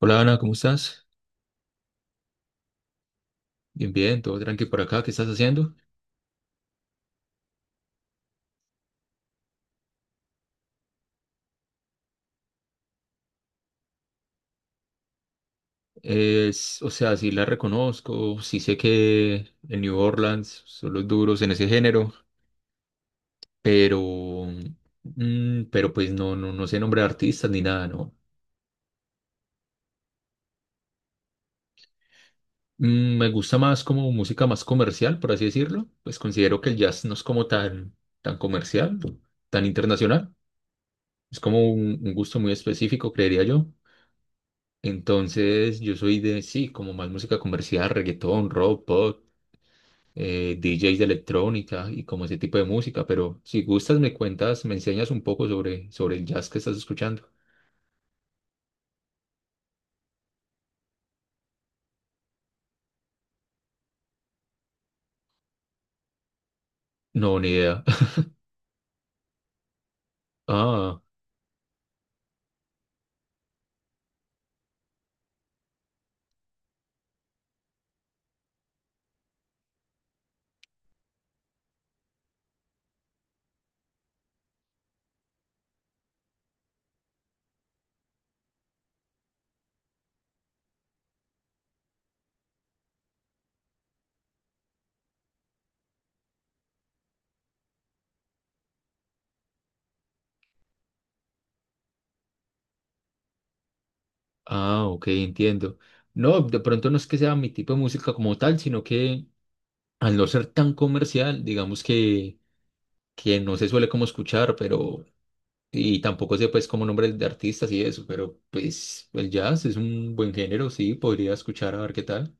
Hola Ana, ¿cómo estás? Bien, bien, todo tranqui por acá, ¿qué estás haciendo? Es, o sea, sí la reconozco, sí sé que en New Orleans son los duros en ese género, pero, pero pues no, no sé nombre de artistas ni nada, ¿no? Me gusta más como música más comercial, por así decirlo, pues considero que el jazz no es como tan, tan comercial, tan internacional, es como un gusto muy específico, creería yo. Entonces, yo soy de, sí, como más música comercial, reggaetón, rock, pop, DJs de electrónica y como ese tipo de música, pero si gustas me cuentas, me enseñas un poco sobre, sobre el jazz que estás escuchando. No, ni idea. Ah, ah, ok, entiendo. No, de pronto no es que sea mi tipo de música como tal, sino que al no ser tan comercial, digamos que no se suele como escuchar, pero, y tampoco sé pues como nombres de artistas y eso, pero pues el jazz es un buen género, sí, podría escuchar a ver qué tal.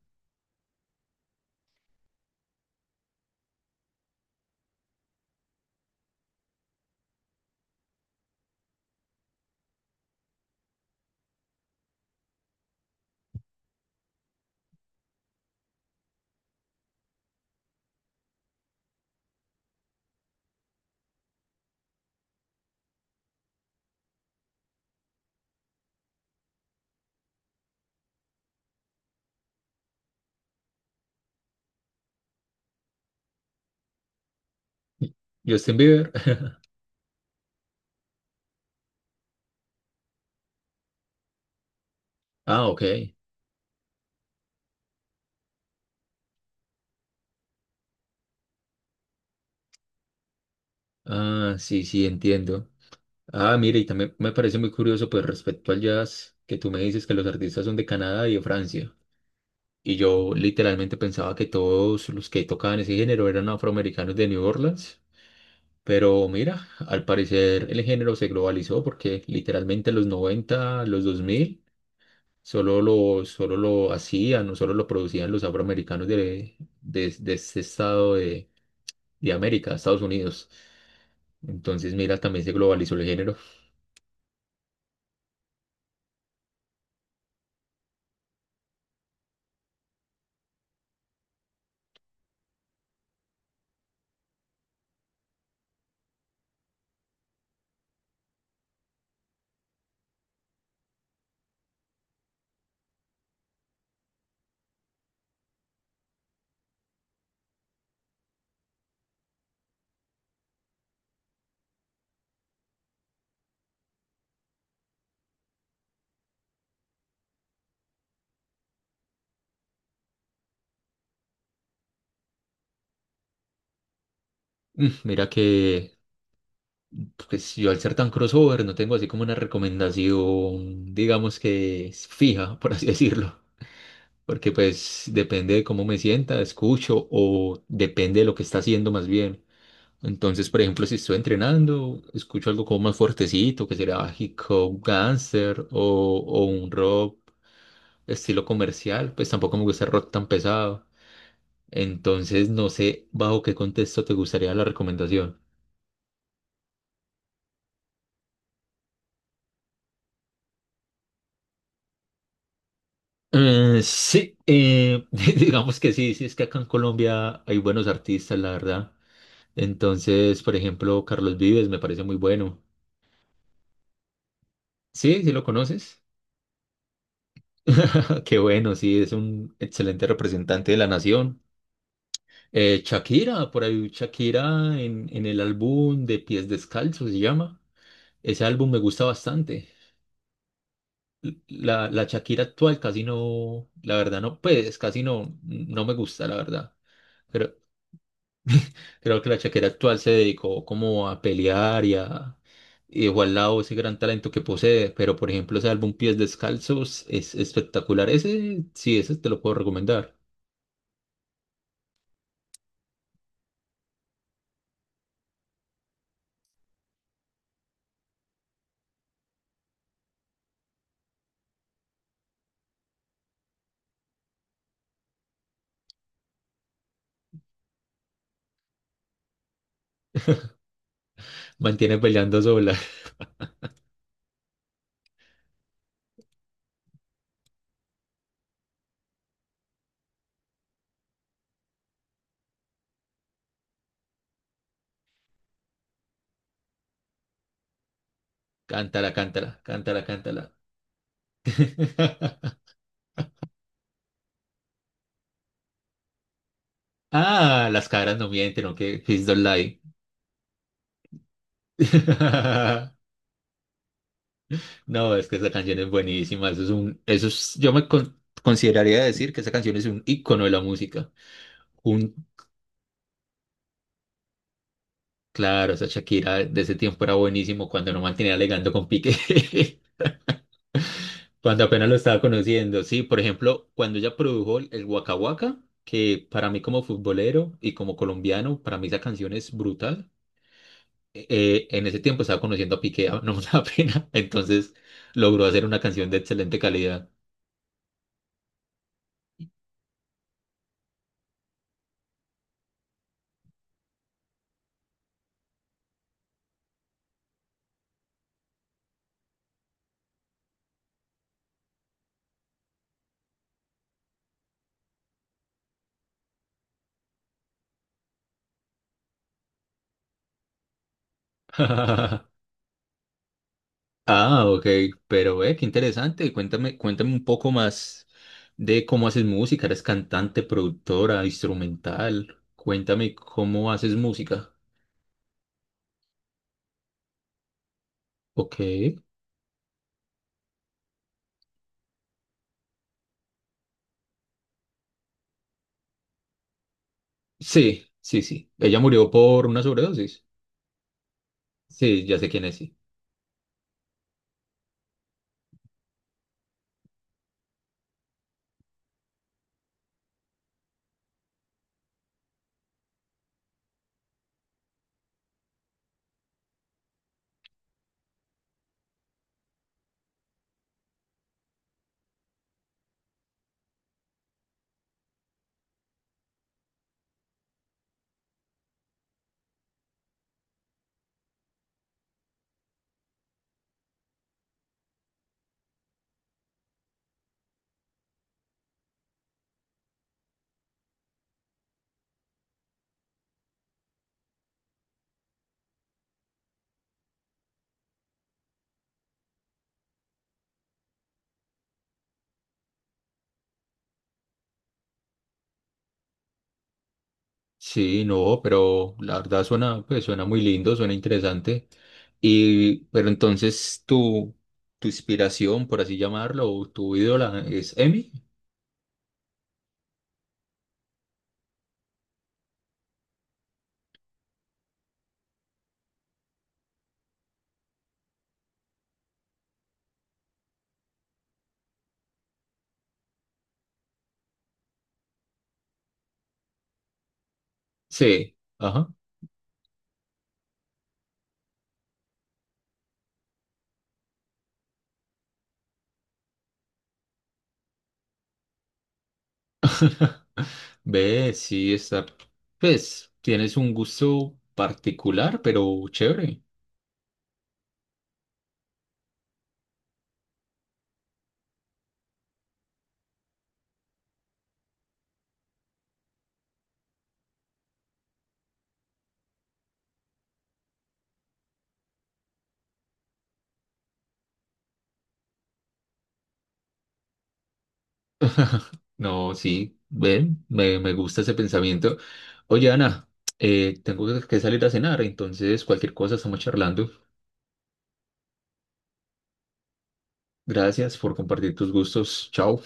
Justin Bieber. Ah, ok. Ah, sí, sí, entiendo. Ah, mire, y también me parece muy curioso, pues respecto al jazz, que tú me dices que los artistas son de Canadá y de Francia. Y yo literalmente pensaba que todos los que tocaban ese género eran afroamericanos de New Orleans. Pero mira, al parecer el género se globalizó porque literalmente en los 90, los 2000, solo lo hacían o solo lo producían los afroamericanos de este estado de América, Estados Unidos. Entonces, mira, también se globalizó el género. Mira que, pues yo al ser tan crossover no tengo así como una recomendación, digamos que es fija, por así decirlo, porque pues depende de cómo me sienta, escucho o depende de lo que está haciendo más bien. Entonces, por ejemplo, si estoy entrenando, escucho algo como más fuertecito, que será hip hop, gangster o un rock estilo comercial, pues tampoco me gusta el rock tan pesado. Entonces, no sé bajo qué contexto te gustaría la recomendación. Sí, digamos que sí, sí, es que acá en Colombia hay buenos artistas, la verdad. Entonces, por ejemplo, Carlos Vives me parece muy bueno. Sí, sí lo conoces. Qué bueno, sí, es un excelente representante de la nación. Shakira, por ahí Shakira en el álbum de Pies Descalzos se llama. Ese álbum me gusta bastante. La Shakira actual casi no, la verdad no, pues casi no, no me gusta, la verdad. Pero, creo que la Shakira actual se dedicó como a pelear y a y dejó al lado ese gran talento que posee, pero por ejemplo ese álbum Pies Descalzos es espectacular. Ese sí, ese te lo puedo recomendar. Mantiene peleando sola. Cántala, cántala, cántala, cántala. Ah, las caras no mienten, aunque Please don't lie. No, es que esa canción es buenísima. Eso es- consideraría decir que esa canción es un icono de la música. Claro, esa Shakira de ese tiempo era buenísimo cuando no mantenía legando con Piqué, cuando apenas lo estaba conociendo. Sí, por ejemplo, cuando ella produjo el Waka Waka, que para mí como futbolero y como colombiano, para mí esa canción es brutal. En ese tiempo estaba conociendo a Piqué, no me da pena, entonces logró hacer una canción de excelente calidad. Ah, ok, pero ve, qué interesante. Cuéntame, cuéntame un poco más de cómo haces música. ¿Eres cantante, productora, instrumental? Cuéntame cómo haces música. Ok. Sí, sí, sí. Ella murió por una sobredosis. Sí, ya sé quién es, sí. Sí, no, pero la verdad suena, pues suena muy lindo, suena interesante. Y, pero entonces tu inspiración, por así llamarlo, o tu ídola es Emi. Sí, ajá. Ve, sí, está. Pues tienes un gusto particular, pero chévere. No, sí, ven, me gusta ese pensamiento. Oye, Ana, tengo que salir a cenar, entonces cualquier cosa estamos charlando. Gracias por compartir tus gustos. Chao.